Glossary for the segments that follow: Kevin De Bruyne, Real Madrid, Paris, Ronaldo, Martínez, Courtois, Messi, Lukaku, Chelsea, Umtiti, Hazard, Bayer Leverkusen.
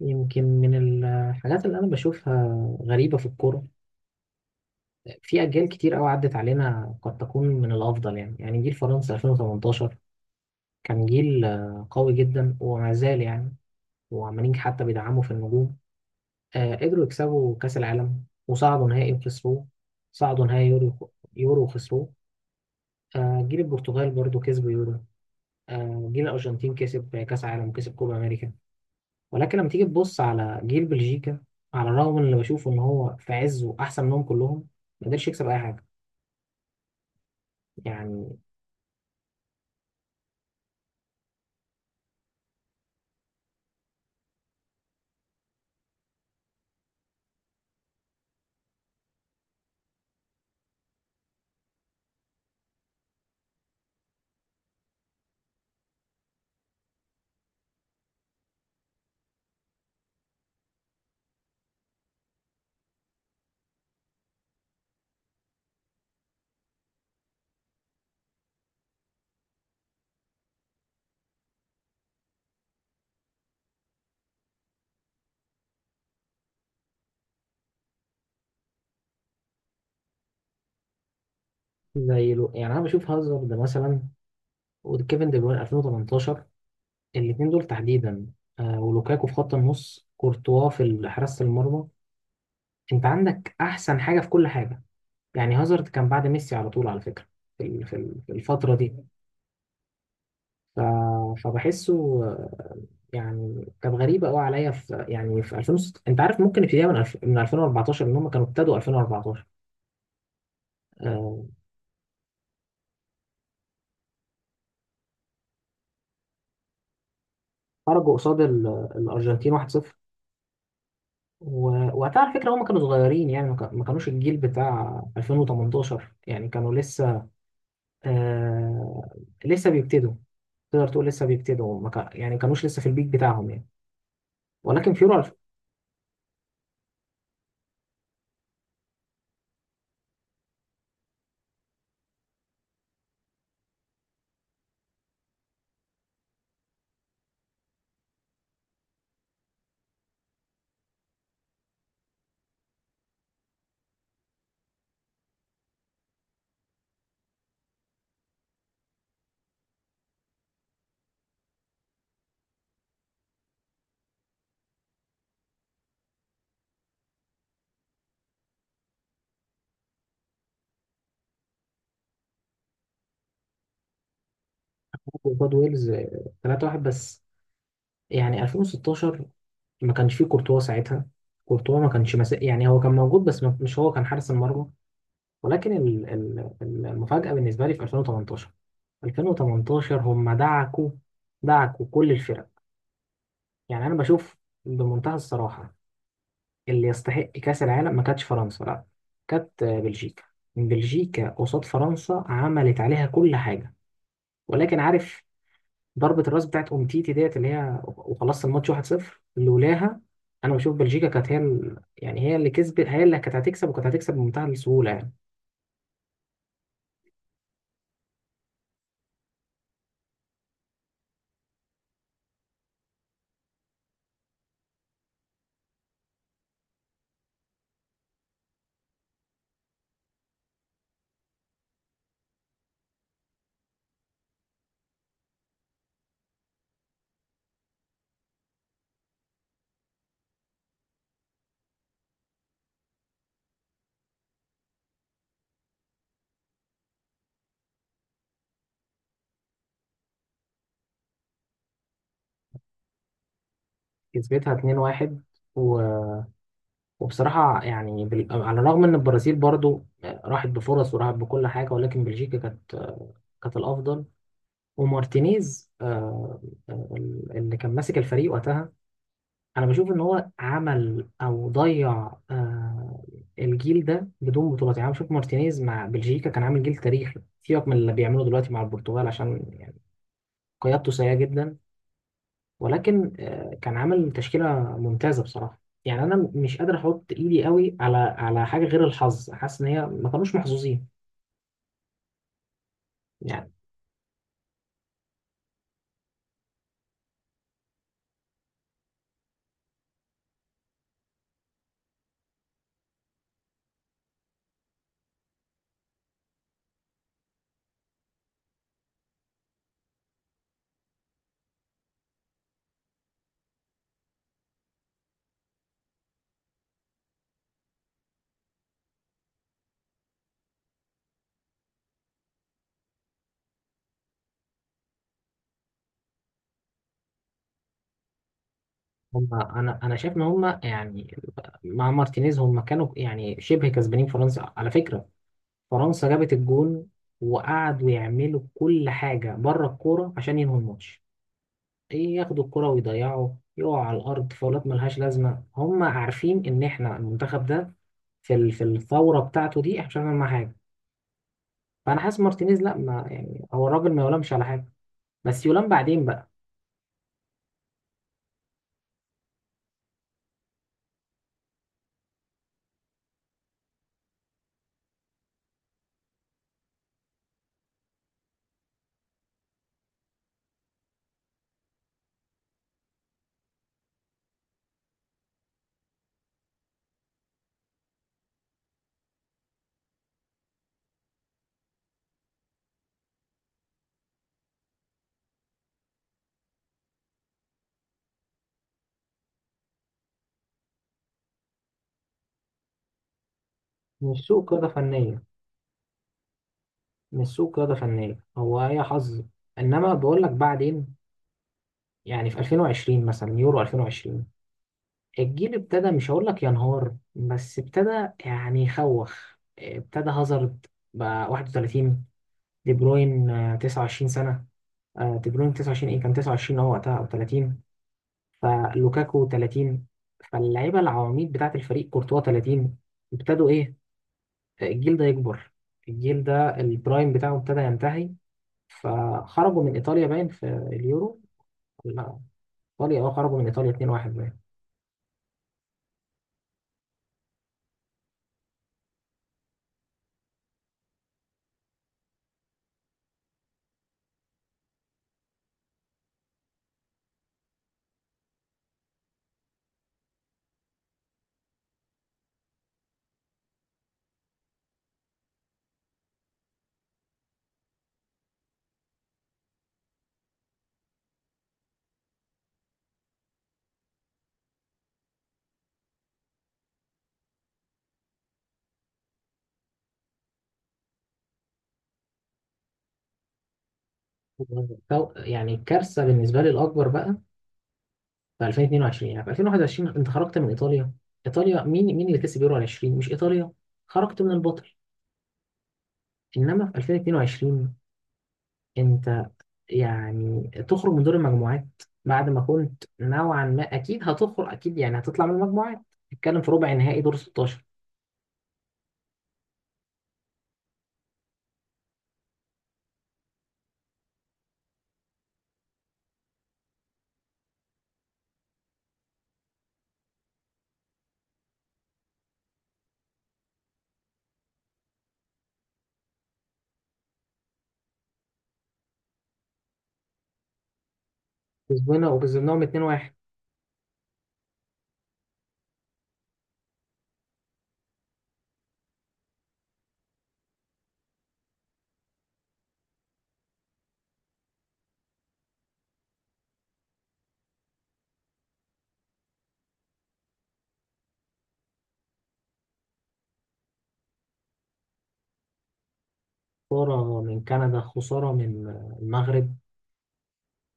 يمكن من الحاجات اللي أنا بشوفها غريبة في الكورة، في أجيال كتير أوي عدت علينا قد تكون من الأفضل. يعني جيل فرنسا 2018 كان جيل قوي جدا وما زال يعني، وعمالين حتى بيدعموا في النجوم. قدروا يكسبوا كأس العالم وصعدوا نهائي وخسروه، صعدوا نهائي يورو وخسروه. جيل البرتغال برضو كسبوا يورو. جيل الأرجنتين كسب كأس عالم وكسب كوبا أمريكا. ولكن لما تيجي تبص على جيل بلجيكا، على الرغم من اللي بشوفه ان هو في عزه احسن منهم كلهم، ما قدرش يكسب اي حاجه يعني. زي لو يعني، انا بشوف هازارد مثلا وكيفن دي بروين 2018، الاثنين دول تحديدا، ولوكاكو في خط النص، كورتوا حراسه المرمى. انت عندك احسن حاجه في كل حاجه. يعني هازارد كان بعد ميسي على طول على فكره في الفتره دي. ف- فبحسه. يعني كان غريبة قوي عليا في يعني انت عارف ممكن ابتديها من 2014، ان هم كانوا ابتدوا 2014. آه، خرجوا قصاد الارجنتين 1-0. وقتها على فكرة هم كانوا صغيرين، يعني ما كانوش الجيل بتاع 2018، يعني كانوا لسه آه، لسه بيبتدوا. تقدر تقول لسه بيبتدوا، ما كا- يعني كانوش لسه في البيك بتاعهم يعني. ولكن فيورو 2000 قصاد ويلز 3-1 بس. يعني 2016 ما كانش فيه كورتوا ساعتها، كورتوا ما كانش مس... يعني هو كان موجود بس مش هو كان حارس المرمى. ولكن المفاجأة بالنسبة لي في 2018، 2018 هم دعكوا كل الفرق. يعني أنا بشوف بمنتهى الصراحة، اللي يستحق كأس العالم ما كانتش فرنسا، لا كانت بلجيكا. بلجيكا قصاد فرنسا عملت عليها كل حاجة. ولكن عارف ضربة الراس بتاعت أومتيتي ديت اللي هي وخلصت الماتش 1-0، لولاها أنا بشوف بلجيكا كانت يعني هي اللي كسبت، هي اللي كانت هتكسب، وكانت هتكسب بمنتهى السهولة يعني. كسبتها 2-1. و- وبصراحة يعني على الرغم إن البرازيل برضو راحت بفرص وراحت بكل حاجة، ولكن بلجيكا كانت، كانت الأفضل. ومارتينيز آه، اللي كان ماسك الفريق وقتها، انا بشوف ان هو عمل او ضيع الجيل ده بدون بطولات. يعني أنا بشوف مارتينيز مع بلجيكا كان عامل جيل تاريخي، سيبك من اللي بيعمله دلوقتي مع البرتغال عشان يعني قيادته سيئة جدا. ولكن كان عامل تشكيلة ممتازة بصراحة. يعني انا مش قادر احط ايدي قوي على حاجة غير الحظ، حاسس ان هي ما كانوش محظوظين يعني. هم انا شايف ان هم يعني مع مارتينيز هم كانوا يعني شبه كسبانين فرنسا على فكرة. فرنسا جابت الجون وقعدوا يعملوا كل حاجة بره الكورة عشان ينهوا الماتش، ايه ياخدوا الكورة ويضيعوا يقعوا على الأرض فاولات ملهاش لازمة. هم عارفين إن احنا المنتخب ده في الثورة بتاعته دي احنا مش هنعمل معاه حاجة. فأنا حاسس مارتينيز لا، ما يعني هو الراجل ما يلامش على حاجة، بس يلام بعدين بقى. مش سوء قيادة فنية، مش سوء قيادة فنية، هو هي حظ. إنما بقول لك بعدين يعني في 2020 مثلا، يورو 2020 الجيل ابتدى، مش هقول لك ينهار بس ابتدى يعني يخوخ. ابتدى هازارد بقى 31، دي بروين 29 سنة، دي بروين 29، ايه كان 29 هو وقتها او 30. فلوكاكو 30، فاللعيبة العواميد بتاعة الفريق كورتوا 30. ابتدوا ايه، الجيل ده يكبر، الجيل ده البرايم بتاعه ابتدى ينتهي. فخرجوا من ايطاليا باين في اليورو. لا، ايطاليا خرجوا من ايطاليا 2-1 باين. يعني الكارثة بالنسبة لي الأكبر بقى في 2022، يعني في 2021 انت خرجت من ايطاليا. ايطاليا مين اللي كسب يورو 20؟ مش ايطاليا؟ خرجت من البطل. انما في 2022 انت يعني تخرج من دور المجموعات، بعد ما كنت نوعا ما اكيد هتخرج، اكيد يعني هتطلع من المجموعات تتكلم في ربع نهائي، دور 16. كسبنا وكسبناهم 2-1. خسارة من كندا، خسارة من المغرب.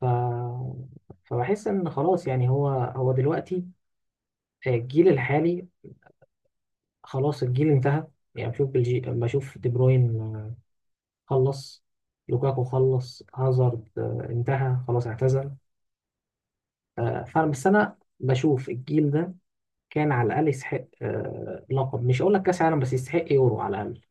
ف... فبحس ان خلاص يعني هو دلوقتي الجيل الحالي، خلاص الجيل انتهى. يعني بشوف بشوف دي بروين، خلص. لوكاكو خلص، هازارد انتهى، خلاص اعتزل. فانا بس انا بشوف الجيل ده كان على الاقل يستحق لقب، مش هقول لك كاس عالم بس يستحق يورو على الاقل.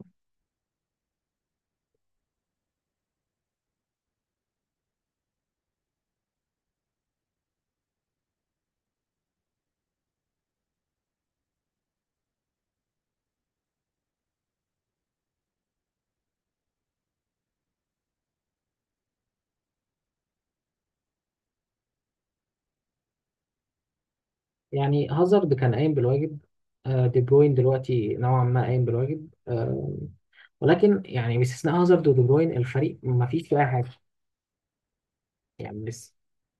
يعني هازارد كان قايم بالواجب، دي بروين دلوقتي نوعا ما قايم بالواجب. ولكن يعني باستثناء هازارد ودي بروين الفريق ما فيش فيه اي حاجه يعني، بس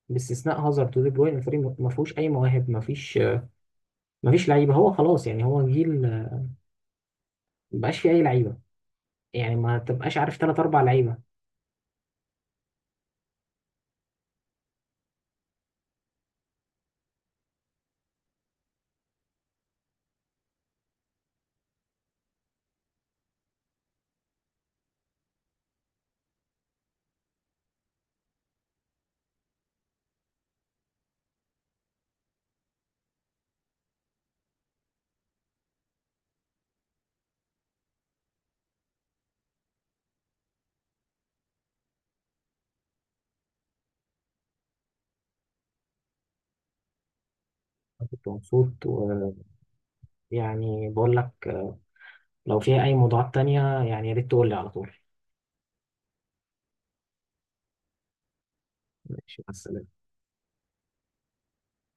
باستثناء هازارد ودي بروين الفريق ما فيهوش اي مواهب، ما فيش، ما فيش لعيبه. هو خلاص يعني هو جيل مبقاش في اي لعيبه، يعني ما تبقاش عارف ثلاث اربع لعيبه. أنا كنت مبسوط، ويعني بقول لك لو فيها اي موضوعات تانية يعني يا ريت تقول لي على طول. ماشي، مع السلامه.